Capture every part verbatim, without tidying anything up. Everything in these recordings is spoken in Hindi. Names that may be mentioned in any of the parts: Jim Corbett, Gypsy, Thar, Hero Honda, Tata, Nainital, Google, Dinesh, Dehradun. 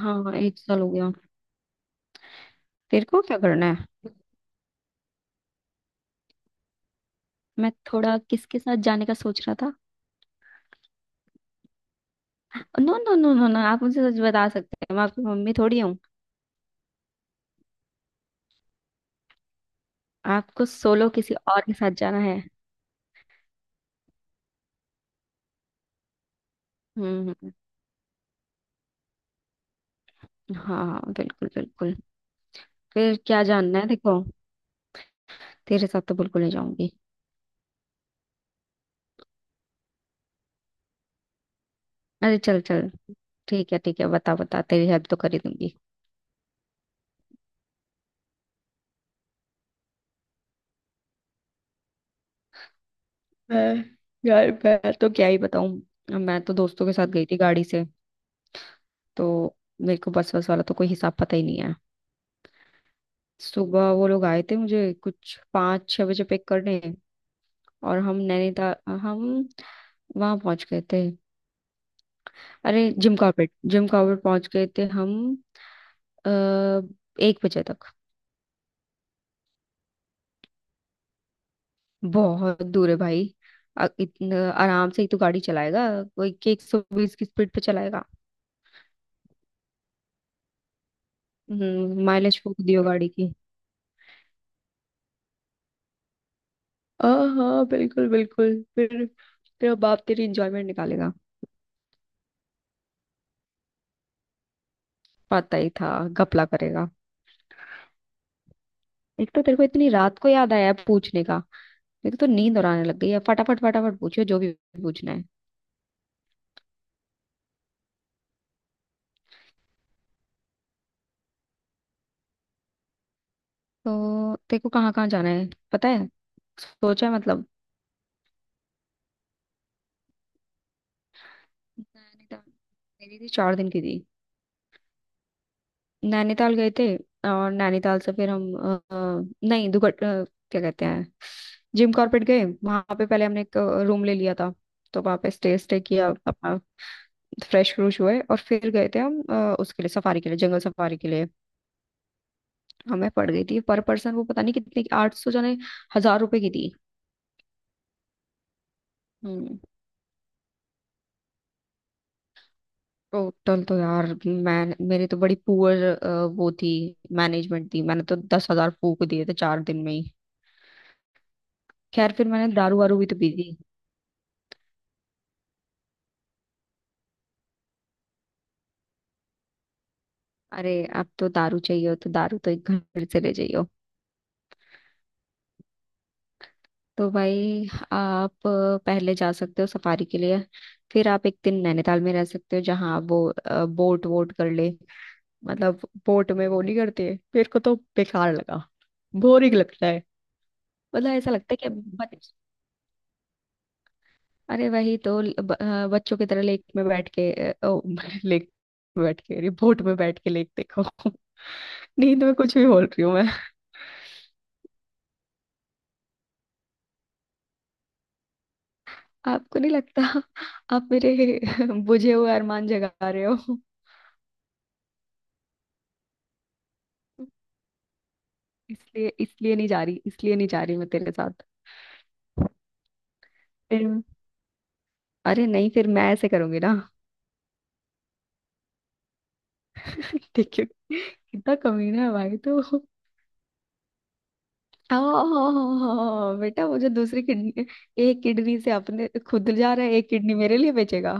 हाँ, एक साल हो गया। तेरे को क्या करना है? मैं थोड़ा किसके साथ जाने का सोच रहा था? No no no no no, आप मुझे सच बता सकते हैं, मैं आपकी मम्मी थोड़ी हूँ। आपको सोलो किसी और के साथ जाना है? हम्म हम्म। हाँ हाँ, बिल्कुल बिल्कुल। फिर क्या जानना है, देखो। तेरे साथ तो बिल्कुल नहीं जाऊंगी। अरे, चल चल। ठीक है, ठीक है, बता बता, तेरी हेल्प तो कर ही दूंगी। मैं यार, मैं तो क्या ही बताऊं, मैं तो दोस्तों के साथ गई थी गाड़ी से। तो मेरे को बस बस वाला तो कोई हिसाब पता ही नहीं है। सुबह वो लोग आए थे मुझे कुछ पाँच छह बजे पिक करने। और हम नैनीताल, हम वहां पहुंच गए थे। अरे, जिम कॉर्बेट जिम कॉर्बेट पहुंच गए थे हम, आ, एक बजे तक। बहुत दूर है भाई। अ- इतना आराम से ही तो गाड़ी चलाएगा, कोई के एक सौ बीस की स्पीड पे चलाएगा। हम्म माइलेज फूक दियो गाड़ी की। हाँ हाँ, बिल्कुल बिल्कुल। फिर तेरा बाप तेरी इंजॉयमेंट निकालेगा। पता ही था घपला करेगा। एक तो तेरे को इतनी रात को याद आया पूछने का। देखो तो, नींद और आने लग गई है, फटाफट फटाफट पूछियो जो भी पूछना है। तो देखो, कहाँ कहाँ जाना है पता है? सोचा है मतलब? नैनीताल मेरी थी, चार दिन की थी। नैनीताल गए थे, और नैनीताल से फिर हम अ, अ, नहीं दुगट, अ, क्या कहते हैं, जिम कॉर्बेट गए। वहां पे पहले हमने एक रूम ले लिया था, तो वहां पे स्टे स्टे किया अपना। फ्रेश फ्रूश हुए, और फिर गए थे हम अ, उसके लिए सफारी के लिए, जंगल सफारी के लिए। हमें पड़ गई थी पर पर्सन, वो पता नहीं कितने की, आठ सौ जाने हजार रुपए की थी। हम्म। टोटल तो यार, मैं मेरी तो बड़ी पुअर वो थी, मैनेजमेंट थी, मैंने तो दस हजार फूक दिए थे चार दिन में ही। खैर, फिर मैंने दारू वारू भी तो पी दी। अरे, अब तो दारू चाहिए हो तो दारू तो एक घर से ले जाइए हो। तो भाई, आप अ, पहले जा सकते हो सफारी के लिए, फिर आप एक दिन नैनीताल में रह सकते हो जहाँ आप वो बोट वोट कर ले। मतलब बोट में वो नहीं करते, मेरे को तो बेकार लगा, बोरिंग लगता है। मतलब ऐसा लगता है कि, अरे वही तो ल- ब- अ, बच्चों की तरह लेक में बैठ के, अ, ओ, लेक में बैठ के, अरे बोट में बैठ के लेक देखो। नींद में कुछ भी बोल रही हूँ मैं। आपको नहीं लगता आप मेरे बुझे हुए अरमान जगा रहे हो? इसलिए इसलिए नहीं जा रही, इसलिए नहीं जा रही मैं तेरे साथ, फिर। अरे नहीं, फिर मैं ऐसे करूंगी ना। देखियो कितना कमीना है भाई तो। हाँ बेटा, वो जो दूसरी किडनी, एक किडनी से अपने खुद जा रहा है, एक किडनी मेरे लिए बेचेगा।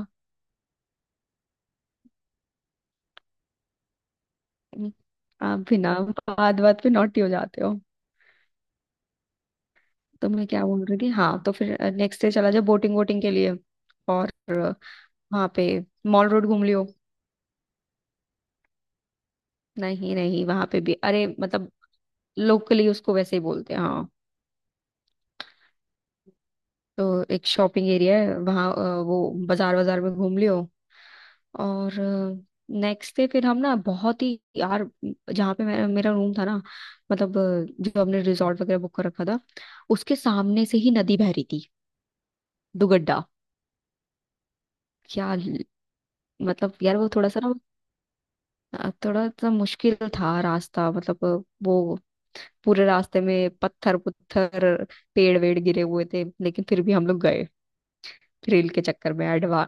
हम्म। आप भी ना, बात बात पे नॉटी हो जाते हो। तो मैं क्या बोल रही थी, हाँ, तो फिर नेक्स्ट डे चला जाओ बोटिंग वोटिंग के लिए, और वहां पे मॉल रोड घूम लियो। नहीं नहीं, वहां पे भी, अरे मतलब लोकली उसको वैसे ही बोलते हैं, हाँ। तो एक शॉपिंग एरिया है वहाँ, अ, वो बाजार बाजार में घूम लियो। और नेक्स्ट डे, फिर हम ना बहुत ही यार, जहाँ पे मेरा मेरा रूम था ना, मतलब, अ, जो हमने रिजॉर्ट वगैरह बुक कर रखा था, उसके सामने से ही नदी बह रही थी। दुगड्डा। क्या ल- मतलब यार, वो थोड़ा सा ना, अ, थोड़ा सा मुश्किल था रास्ता, मतलब, अ, वो पूरे रास्ते में पत्थर पुत्थर, पेड़ वेड़ गिरे हुए थे, लेकिन फिर भी हम लोग गए, थ्रिल के चक्कर में, एडवा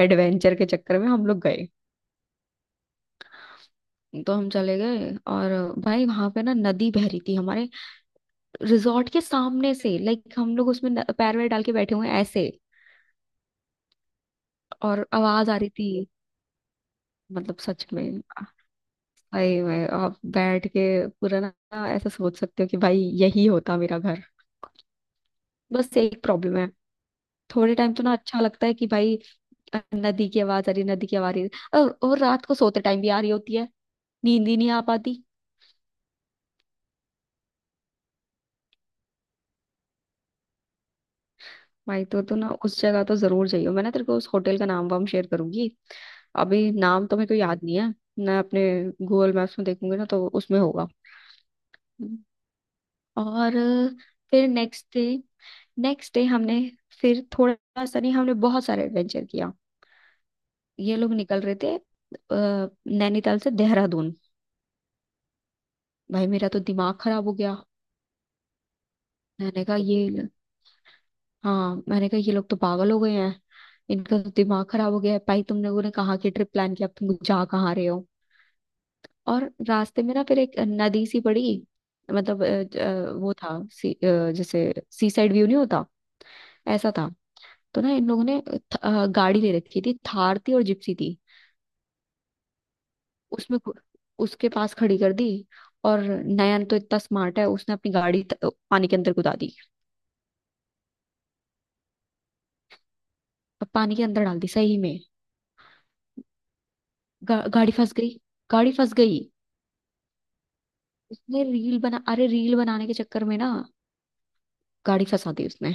एडवेंचर के चक्कर में हम लोग गए। तो हम चले गए, और भाई, वहां पे ना नदी बह रही थी हमारे रिजॉर्ट के सामने से। लाइक हम लोग उसमें न- पैर वैर डाल के बैठे हुए हैं ऐसे, और आवाज आ रही थी। मतलब सच में भाई, मैं आप बैठ के पूरा ना, ऐसा सोच सकते हो कि भाई, यही होता मेरा घर। बस एक प्रॉब्लम है। थोड़े टाइम तो ना अच्छा लगता है कि भाई, अ, नदी की आवाज आ रही, नदी की आवाज आ रही, और, और रात को सोते टाइम भी आ रही होती है, नींद ही नहीं आ पाती। भाई, तो तो ना उस जगह तो जरूर जाइयो। मैं ना तेरे को उस होटल का नाम वाम शेयर करूंगी। अभी नाम तो मेरे को याद नहीं है, मैं अपने गूगल मैप्स में देखूंगी ना तो उसमें होगा। और फिर नेक्स्ट डे, नेक्स्ट डे हमने फिर थोड़ा सा नहीं, हमने बहुत सारे एडवेंचर किया। ये लोग निकल रहे थे, अ, नैनीताल से देहरादून। भाई मेरा तो दिमाग खराब हो गया। मैंने कहा ये, हाँ, मैंने कहा ये लोग तो पागल हो गए हैं, इनका तो दिमाग खराब हो गया है। भाई तुम लोगों ने कहाँ की ट्रिप प्लान किया, अब तुम जा कहाँ रहे हो? और रास्ते में ना फिर एक नदी सी पड़ी, मतलब अ, ज- अ, वो था सी, अ, जैसे सी साइड व्यू नहीं होता, ऐसा था। तो ना इन लोगों ने थ- अ, गाड़ी ले रखी थी, थार थी और जिप्सी थी। उसमें खु- उसके पास खड़ी कर दी। और नयन तो इतना स्मार्ट है, उसने अपनी गाड़ी त- पानी के अंदर कुदा दी। अब पानी के अंदर डाल दी सही में। गा, गाड़ी फंस गई, गाड़ी फंस गई। उसने रील बना, अरे रील बनाने के चक्कर में ना गाड़ी फंसा दी उसने।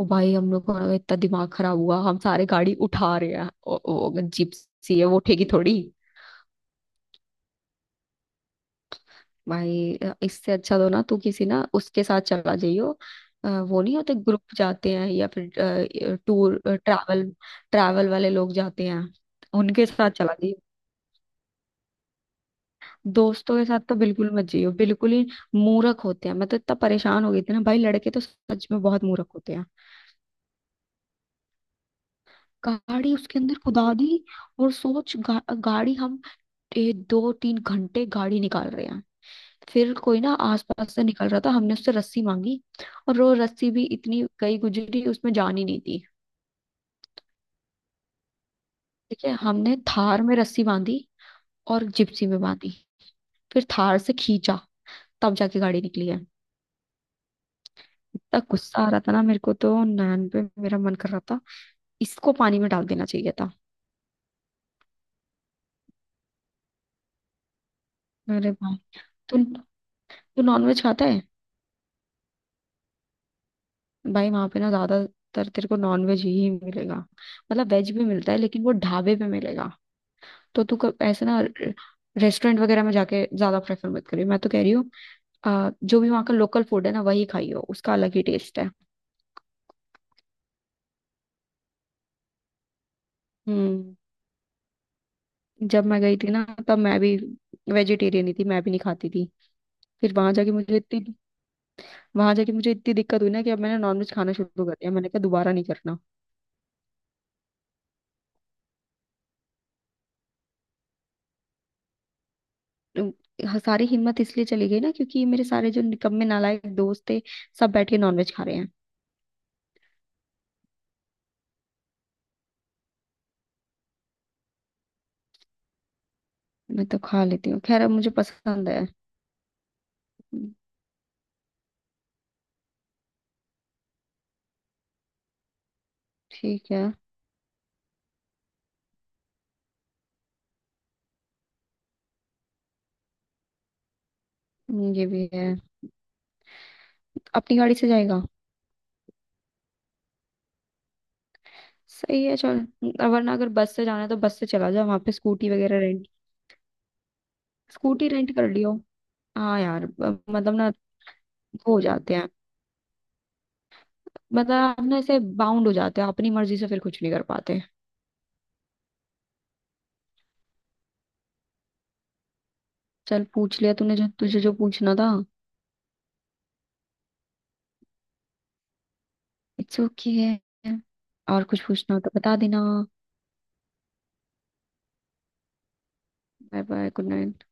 ओ भाई, हम लोग का इतना दिमाग खराब हुआ, हम सारे गाड़ी उठा रहे हैं। ओ, ओ, जीप सी है, वो उठेगी थोड़ी। भाई, अ, इससे अच्छा तो ना तू किसी ना उसके साथ चला जाइयो। अ, वो नहीं होते ग्रुप जाते हैं, या फिर अ, टूर ट्रैवल, ट्रैवल वाले लोग जाते हैं, उनके साथ चला जाइयो। दोस्तों के साथ तो बिल्कुल मत जाइयो, बिल्कुल ही मूर्ख होते हैं। मैं तो इतना परेशान हो गई थी ना भाई, लड़के तो सच में बहुत मूर्ख होते हैं। गाड़ी उसके अंदर खुदा दी, और सोच, गा, गाड़ी हम ए, दो तीन घंटे गाड़ी निकाल रहे हैं। फिर कोई ना आसपास से निकल रहा था, हमने उससे रस्सी मांगी। और वो रस्सी भी इतनी गई गुजरी, उसमें जान ही नहीं थी। ठीक है, हमने थार में रस्सी बांधी और जिप्सी में बांधी, फिर थार से खींचा, तब जाके गाड़ी निकली है। इतना गुस्सा आ रहा था ना मेरे को तो नैन पे, मेरा मन कर रहा था इसको पानी में डाल देना चाहिए था। अरे भाई, तू तू नॉनवेज खाता है? भाई, वहां पे ना ज्यादातर तेरे को नॉन वेज ही मिलेगा, मतलब वेज भी मिलता है, लेकिन वो ढाबे पे मिलेगा। तो तू कब, ऐसे ना, रेस्टोरेंट वगैरह में जाके ज्यादा प्रेफर मत करियो, मैं तो कह रही हूँ। आ, जो भी वहाँ का लोकल फूड है ना, वही खाइयो, उसका अलग ही टेस्ट है। हम्म जब मैं गई थी ना, तब मैं भी वेजिटेरियन ही थी, मैं भी नहीं खाती थी। फिर वहां जाके मुझे इतनी, वहां जाके मुझे इतनी दिक्कत हुई ना कि अब मैंने नॉनवेज खाना शुरू कर दिया। मैंने कहा दोबारा नहीं करना। अ, हाँ, सारी हिम्मत इसलिए चली गई ना, क्योंकि मेरे सारे जो निकम्मे नालायक दोस्त थे, सब बैठ के नॉनवेज खा रहे हैं। मैं तो खा लेती हूँ, खैर अब मुझे पसंद है। हम्म, ठीक है। हम्म, ये भी है। अपनी गाड़ी से जाएगा? सही है, चल। अ, वरना अगर बस से जाना है तो बस से चला जाओ, वहां पे स्कूटी वगैरह रेंट, स्कूटी रेंट कर लियो। हाँ यार, ब- मतलब ना, वो हो जाते हैं, मतलब आप ना ऐसे बाउंड हो जाते हो, अपनी मर्जी से फिर कुछ नहीं कर पाते। चल, पूछ लिया तूने जो तुझे जो पूछना था। इट्स ओके, okay है। और कुछ पूछना हो तो बता देना। Bye bye, good night.